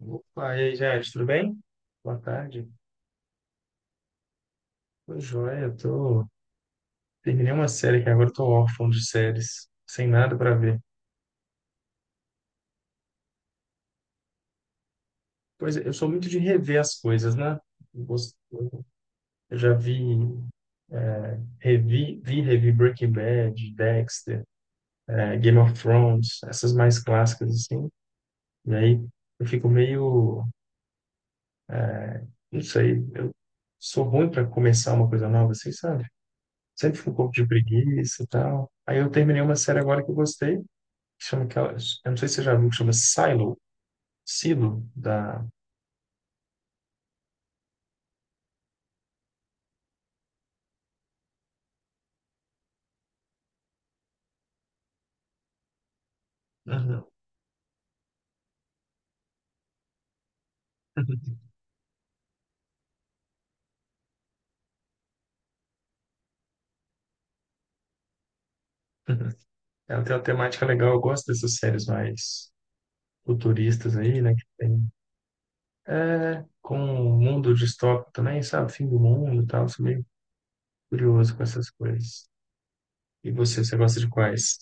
Opa, e aí, Jade, tudo bem? Boa tarde. Tô joia, eu tô... Terminei uma série que agora eu tô órfão de séries, sem nada pra ver. Pois é, eu sou muito de rever as coisas, né? Eu já vi, é, revi, vi, e revi Breaking Bad, Dexter, Game of Thrones, essas mais clássicas, assim. E aí eu fico meio... Não sei, eu sou ruim pra começar uma coisa nova, assim, sabe? Sempre fico com um pouco de preguiça e tal. Aí eu terminei uma série agora que eu gostei, chama aquela, eu não sei se você já viu, que chama Silo, Silo, da. Aham. Ela tem uma temática legal, eu gosto dessas séries mais futuristas aí, né? Que tem. É, com um mundo distópico também, sabe? Fim do mundo e tal, sou meio curioso com essas coisas. E você, você gosta de quais?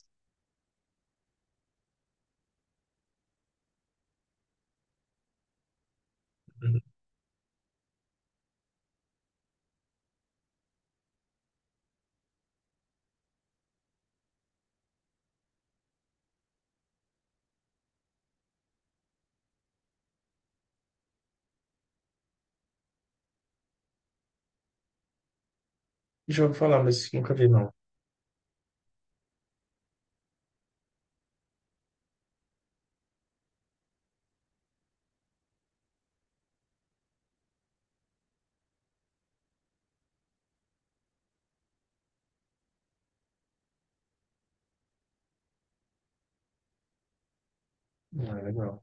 Uhum. Já ouvi falar, mas nunca vi, não. Não é legal.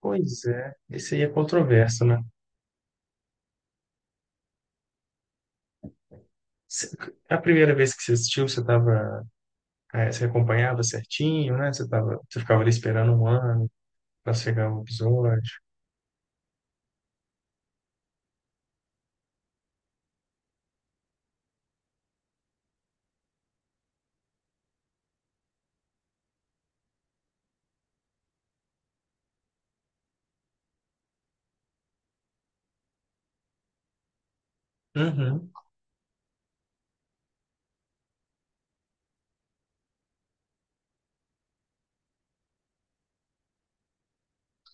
Pois é, esse aí é controverso, né? Cê- A primeira vez que você assistiu, você estava, é, você acompanhava certinho, né? Você ficava ali esperando um ano para chegar o episódio. Uhum.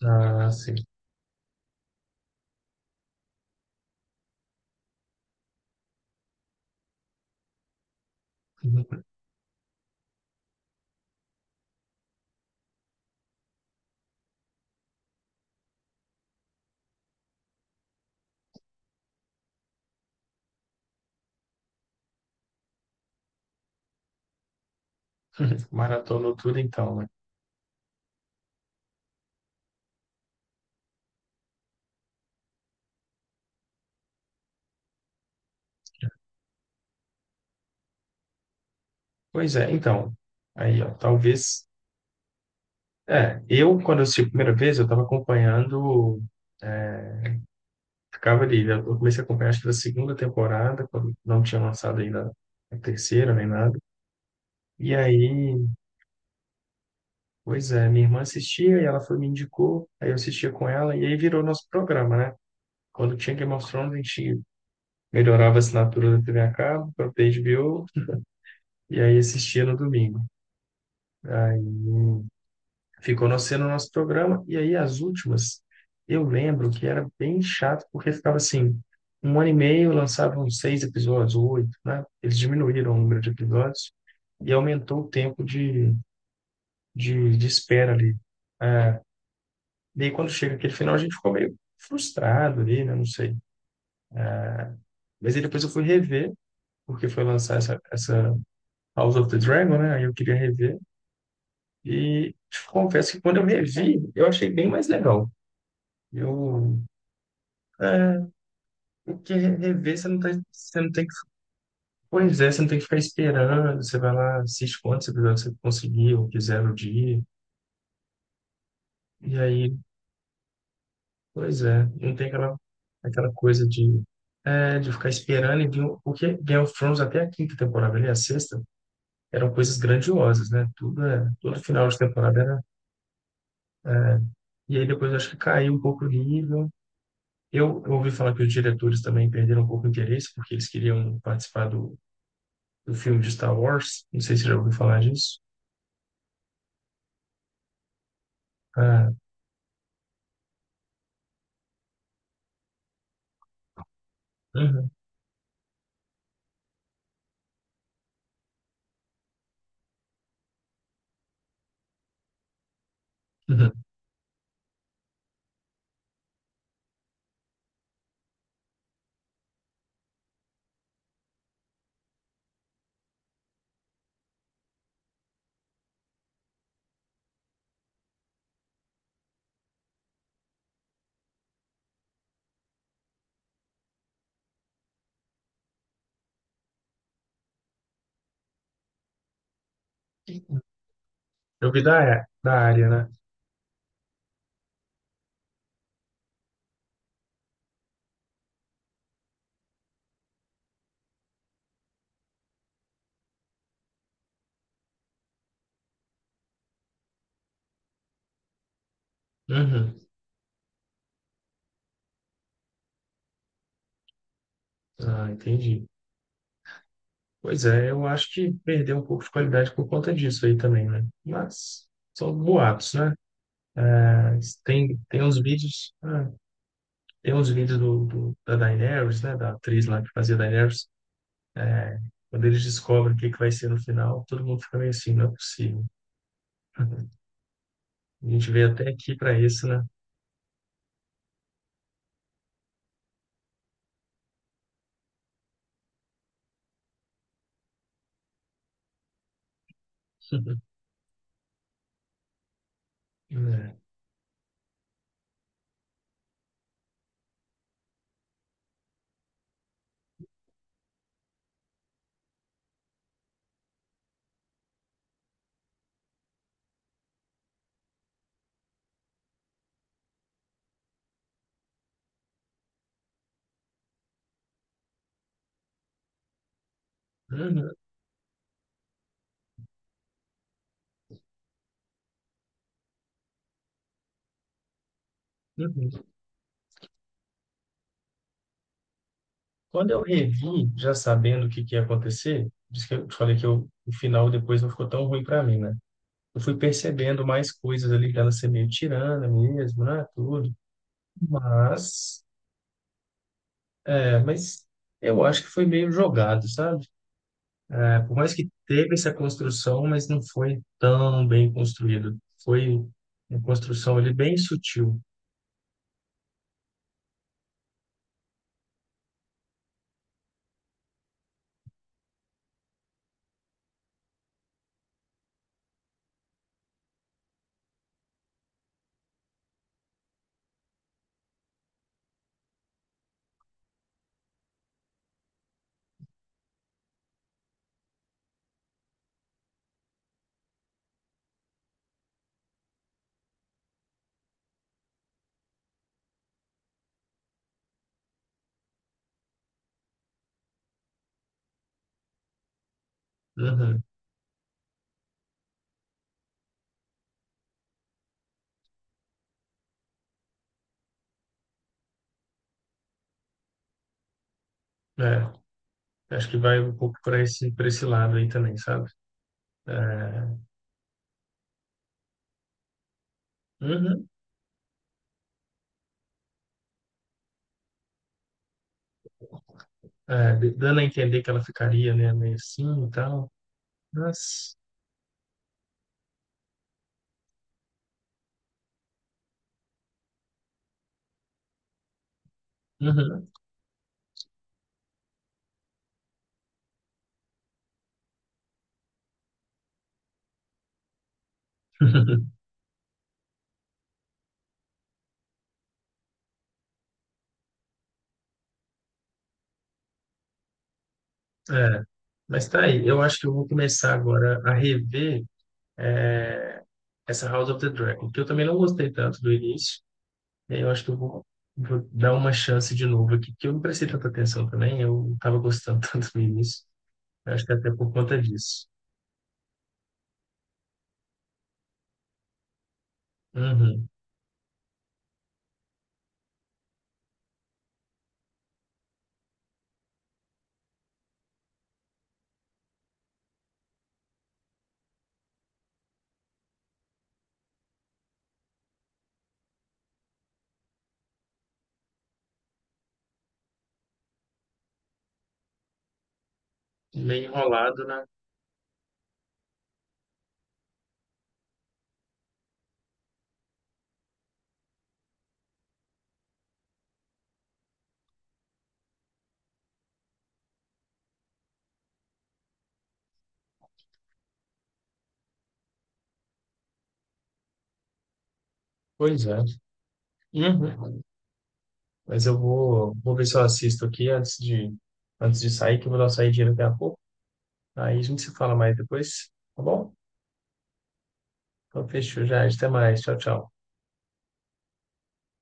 Ah, sim. Maratonou tudo então, né? Pois é, então. Aí, ó, talvez. É, eu, quando eu assisti a primeira vez, eu estava acompanhando, é, ficava ali. Eu comecei a acompanhar, acho que da segunda temporada, quando não tinha lançado ainda a terceira nem nada. E aí, pois é, minha irmã assistia e ela foi, me indicou. Aí eu assistia com ela e aí virou nosso programa, né? Quando tinha Game of Thrones, a gente melhorava a assinatura da TV a cabo para HBO e aí assistia no domingo. Aí ficou no sendo o nosso programa e aí as últimas, eu lembro que era bem chato porque ficava assim, um ano e meio lançavam seis episódios, oito, né? Eles diminuíram o número de episódios e aumentou o tempo de espera ali. Ah, daí quando chega aquele final a gente ficou meio frustrado ali, né? Não sei. Mas aí depois eu fui rever porque foi lançar essa House of the Dragon, né? Aí eu queria rever. E te confesso que quando eu revi, eu achei bem mais legal. Eu, é, porque rever você não tá, você não tem que, pois é, você não tem que ficar esperando. Você vai lá, assiste quantos episódios você conseguir ou quiser no dia. E aí, pois é, não tem aquela, aquela coisa de, de ficar esperando e vir, porque Game of Thrones até a quinta temporada ali, a sexta, eram coisas grandiosas, né? Tudo, todo final de temporada era, e aí depois eu acho que caiu um pouco o nível. Eu ouvi falar que os diretores também perderam um pouco o interesse, porque eles queriam participar do, do filme de Star Wars. Não sei se você já ouviu falar disso. Ah, uhum, uhum. Eu vi da, da área, né? Uhum. Ah, entendi. Pois é, eu acho que perdeu um pouco de qualidade por conta disso aí também, né? Mas são boatos, né? Mas tem, tem uns vídeos, ah, tem uns vídeos do, da Daenerys, né? Da atriz lá que fazia Daenerys. É, quando eles descobrem o que, que vai ser no final, todo mundo fica meio assim, não é possível. A gente veio até aqui para isso, né? É. Uhum, uhum. Quando eu revi, já sabendo o que, que ia acontecer, por isso que eu te falei que eu, o final depois não ficou tão ruim para mim, né? Eu fui percebendo mais coisas ali dela ser meio tirana mesmo, né? Tudo. Mas, mas eu acho que foi meio jogado, sabe? É, por mais que teve essa construção, mas não foi tão bem construído. Foi uma construção ali bem sutil. Uhum. É. Acho que vai um pouco para esse lado aí também, sabe? É, uhum. É, dando a entender que ela ficaria, né, meio assim e tal. Mas, uhum. É, mas tá aí. Eu acho que eu vou começar agora a rever, é, essa House of the Dragon, que eu também não gostei tanto do início. E aí eu acho que eu vou, vou dar uma chance de novo aqui, que eu não prestei tanta atenção também. Eu não estava gostando tanto no início. Eu acho que até por conta disso. Uhum. Meio enrolado, né? Pois é. Uhum. Mas eu vou, vou ver se eu assisto aqui antes de sair, que eu vou dar uma saidinha daqui a pouco. Aí a gente se fala mais depois, tá bom? Então fechou já, até mais. Tchau, tchau.